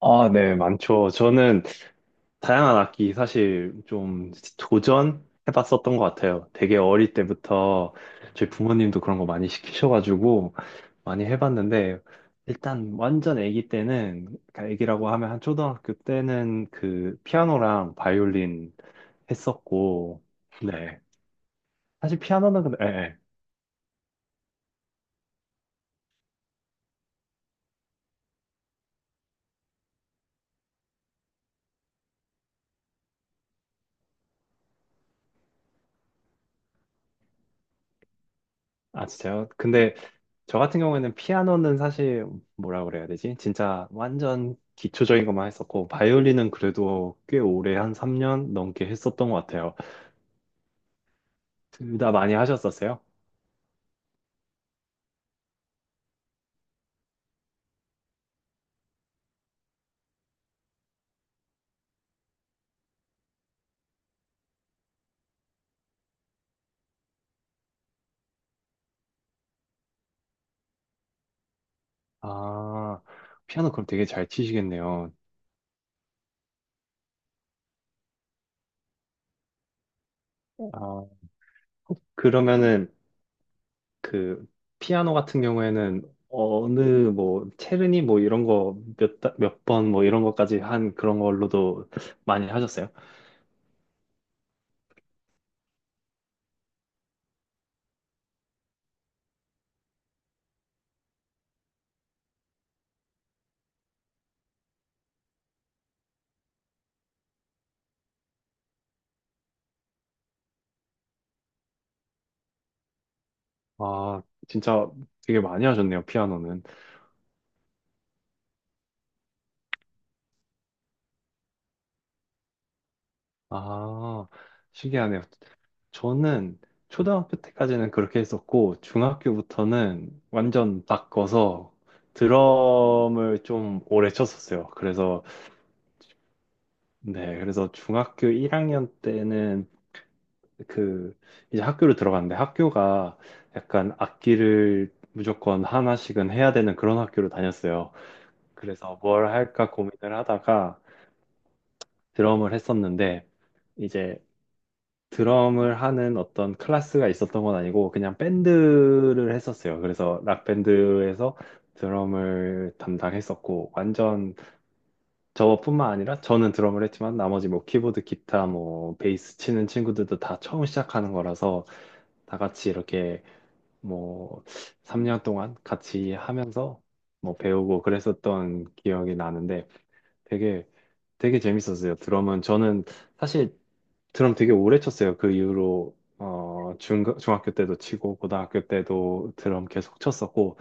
아, 네, 많죠. 저는 다양한 악기 사실 좀 도전해봤었던 것 같아요. 되게 어릴 때부터 저희 부모님도 그런 거 많이 시키셔가지고 많이 해봤는데, 일단 완전 아기 때는, 그러니까 아기라고 하면 한 초등학교 때는 그 피아노랑 바이올린 했었고, 네. 사실 피아노는 근데, 예, 예. 아, 진짜요? 근데 저 같은 경우에는 피아노는 사실 뭐라 그래야 되지? 진짜 완전 기초적인 것만 했었고 바이올린은 그래도 꽤 오래 한 3년 넘게 했었던 것 같아요. 둘 다 많이 하셨었어요? 아, 피아노 그럼 되게 잘 치시겠네요. 네. 아, 그러면은 그 피아노 같은 경우에는 어느 뭐 체르니 뭐 이런 거 몇 번 뭐 이런 것까지 한 그런 걸로도 많이 하셨어요? 아, 진짜 되게 많이 하셨네요, 피아노는. 아, 신기하네요. 저는 초등학교 때까지는 그렇게 했었고, 중학교부터는 완전 바꿔서 드럼을 좀 오래 쳤었어요. 그래서, 네, 그래서 중학교 1학년 때는 그, 이제 학교를 들어갔는데 학교가 약간 악기를 무조건 하나씩은 해야 되는 그런 학교로 다녔어요. 그래서 뭘 할까 고민을 하다가 드럼을 했었는데, 이제 드럼을 하는 어떤 클래스가 있었던 건 아니고 그냥 밴드를 했었어요. 그래서 락밴드에서 드럼을 담당했었고 완전 저뿐만 아니라 저는 드럼을 했지만 나머지 뭐 키보드, 기타, 뭐 베이스 치는 친구들도 다 처음 시작하는 거라서 다 같이 이렇게 뭐 3년 동안 같이 하면서 뭐 배우고 그랬었던 기억이 나는데 되게 되게 재밌었어요. 드럼은 저는 사실 드럼 되게 오래 쳤어요. 그 이후로 중학교 때도 치고 고등학교 때도 드럼 계속 쳤었고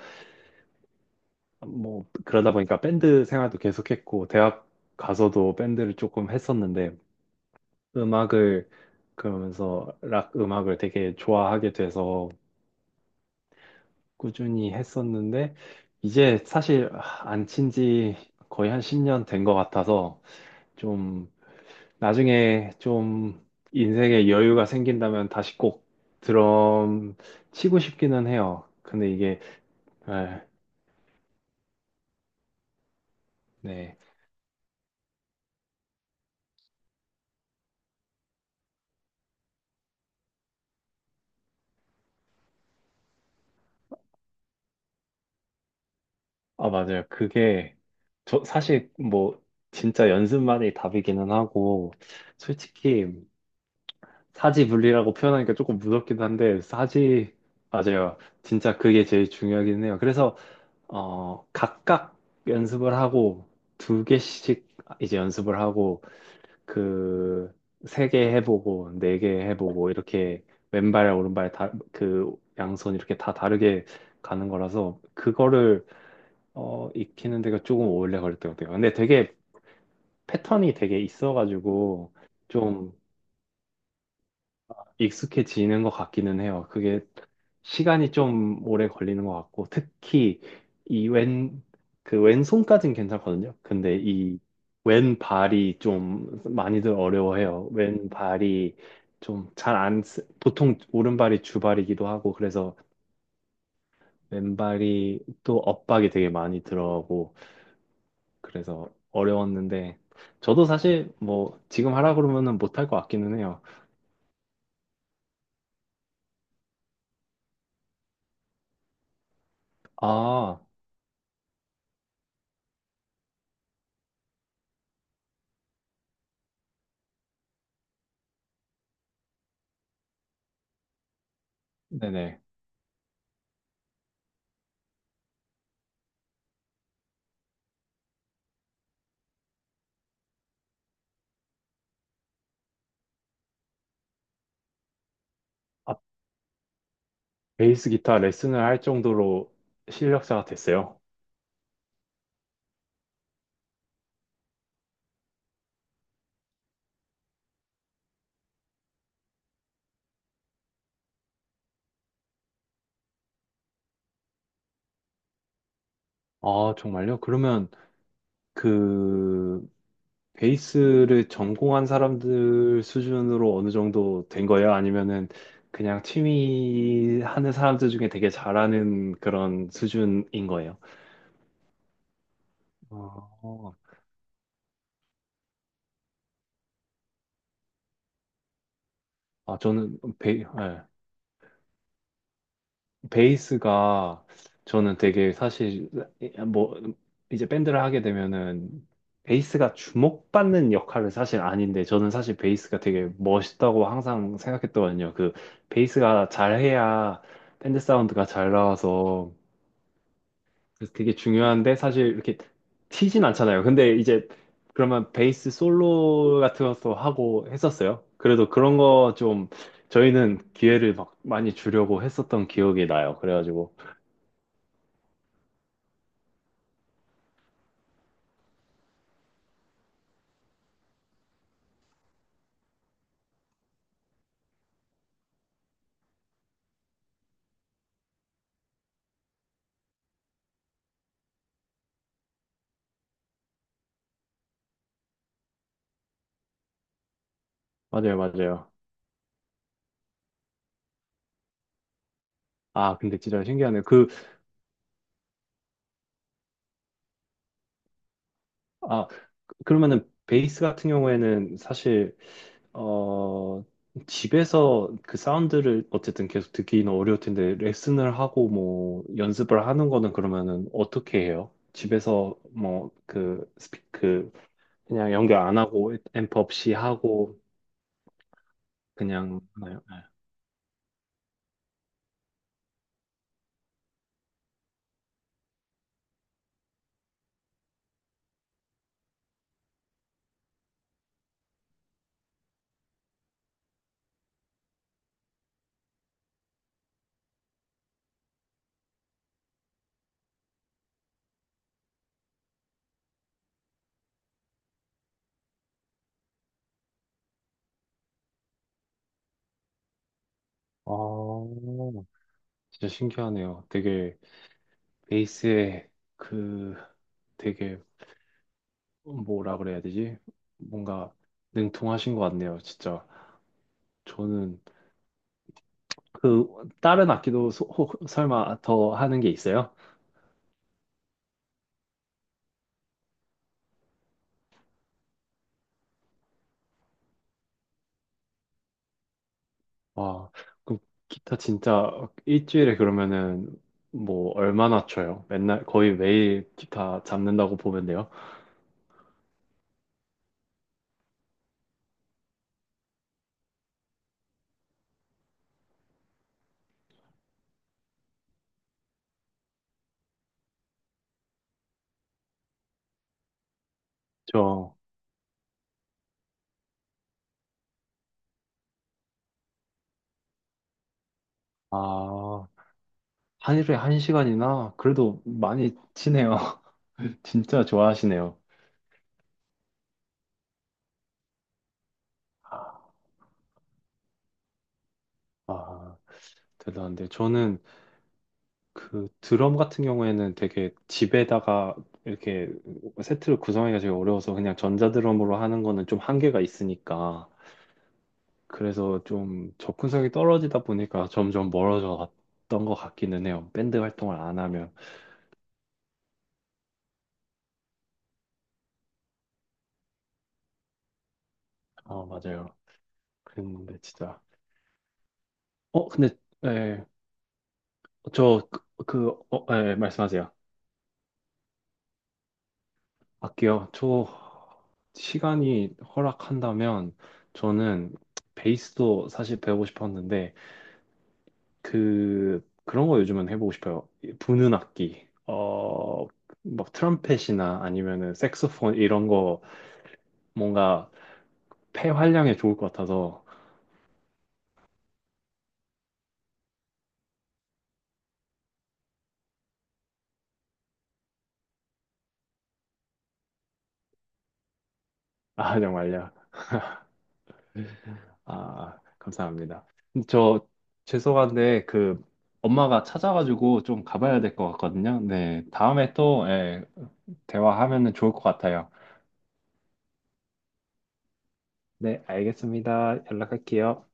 뭐 그러다 보니까 밴드 생활도 계속했고 대학 가서도 밴드를 조금 했었는데 음악을 그러면서 락 음악을 되게 좋아하게 돼서 꾸준히 했었는데 이제 사실 안 친지 거의 한 10년 된 것 같아서 좀 나중에 좀 인생에 여유가 생긴다면 다시 꼭 드럼 치고 싶기는 해요. 근데 이게, 아, 네. 아, 맞아요. 그게, 저 사실 뭐, 진짜 연습만이 답이기는 하고, 솔직히 사지분리라고 표현하니까 조금 무섭긴 한데, 사지, 맞아요. 진짜 그게 제일 중요하긴 해요. 그래서, 어, 각각 연습을 하고, 두 개씩 이제 연습을 하고, 그 세 개 해보고 네 개 해보고 이렇게 왼발 오른발 다 그 양손 이렇게 다 다르게 가는 거라서 그거를 어 익히는 데가 조금 오래 걸릴 것 같아요. 근데 되게 패턴이 되게 있어가지고 좀 익숙해지는 것 같기는 해요. 그게 시간이 좀 오래 걸리는 것 같고, 특히 이 왼, 그 왼손까진 괜찮거든요. 근데 이 왼발이 좀 많이들 어려워해요. 왼발이 좀 잘 안, 쓰- 보통 오른발이 주발이기도 하고, 그래서 왼발이 또 엇박이 되게 많이 들어오고, 그래서 어려웠는데, 저도 사실 뭐 지금 하라 그러면은 못할 것 같기는 해요. 아, 네네. 베이스 기타 레슨을 할 정도로 실력자가 됐어요. 아, 정말요? 그러면 그 베이스를 전공한 사람들 수준으로 어느 정도 된 거예요? 아니면은 그냥 취미 하는 사람들 중에 되게 잘하는 그런 수준인 거예요? 어, 예. 베이스가 저는 되게 사실 뭐 이제 밴드를 하게 되면은 베이스가 주목받는 역할은 사실 아닌데 저는 사실 베이스가 되게 멋있다고 항상 생각했거든요. 그 베이스가 잘해야 밴드 사운드가 잘 나와서 그래서 되게 중요한데 사실 이렇게 튀진 않잖아요. 근데 이제 그러면 베이스 솔로 같은 것도 하고 했었어요. 그래도 그런 거 좀 저희는 기회를 막 많이 주려고 했었던 기억이 나요. 그래가지고 맞아요, 맞아요. 아, 근데 진짜 신기하네요. 그, 아, 그러면은 베이스 같은 경우에는 사실, 어, 집에서 그 사운드를 어쨌든 계속 듣기는 어려울 텐데, 레슨을 하고 뭐 연습을 하는 거는 그러면은 어떻게 해요? 집에서 뭐 그 스피크 그냥 연결 안 하고 앰프 없이 하고 그냥 하나요? 네. 아, 진짜 신기하네요. 되게 베이스에 그 되게 뭐라 그래야 되지? 뭔가 능통하신 것 같네요, 진짜. 저는 그 다른 악기도 설마 더 하는 게 있어요? 와, 그 기타 진짜 일주일에 그러면은 뭐 얼마나 쳐요? 맨날 거의 매일 기타 잡는다고 보면 돼요. 저, 아, 하루에 한 시간이나 그래도 많이 치네요. 진짜 좋아하시네요. 아, 아, 대단한데 저는 그 드럼 같은 경우에는 되게 집에다가 이렇게 세트를 구성하기가 되게 어려워서 그냥 전자드럼으로 하는 거는 좀 한계가 있으니까 그래서 좀 접근성이 떨어지다 보니까 점점 멀어져 갔던 것 같기는 해요. 밴드 활동을 안 하면. 아, 맞아요. 그랬는데 진짜. 어, 근데 예, 저 그, 그 어, 예, 예, 말씀하세요. 할게요. 저 시간이 허락한다면 저는 베이스도 사실 배우고 싶었는데 그런 거 요즘은 해보고 싶어요. 부는 악기, 어, 막 트럼펫이나 아니면은 색소폰 이런 거 뭔가 폐 활량에 좋을 것 같아서 아 정말요. 아 감사합니다. 저 죄송한데 그 엄마가 찾아가지고 좀 가봐야 될 것 같거든요. 네 다음에 또 예, 대화하면은 좋을 것 같아요. 네 알겠습니다. 연락할게요.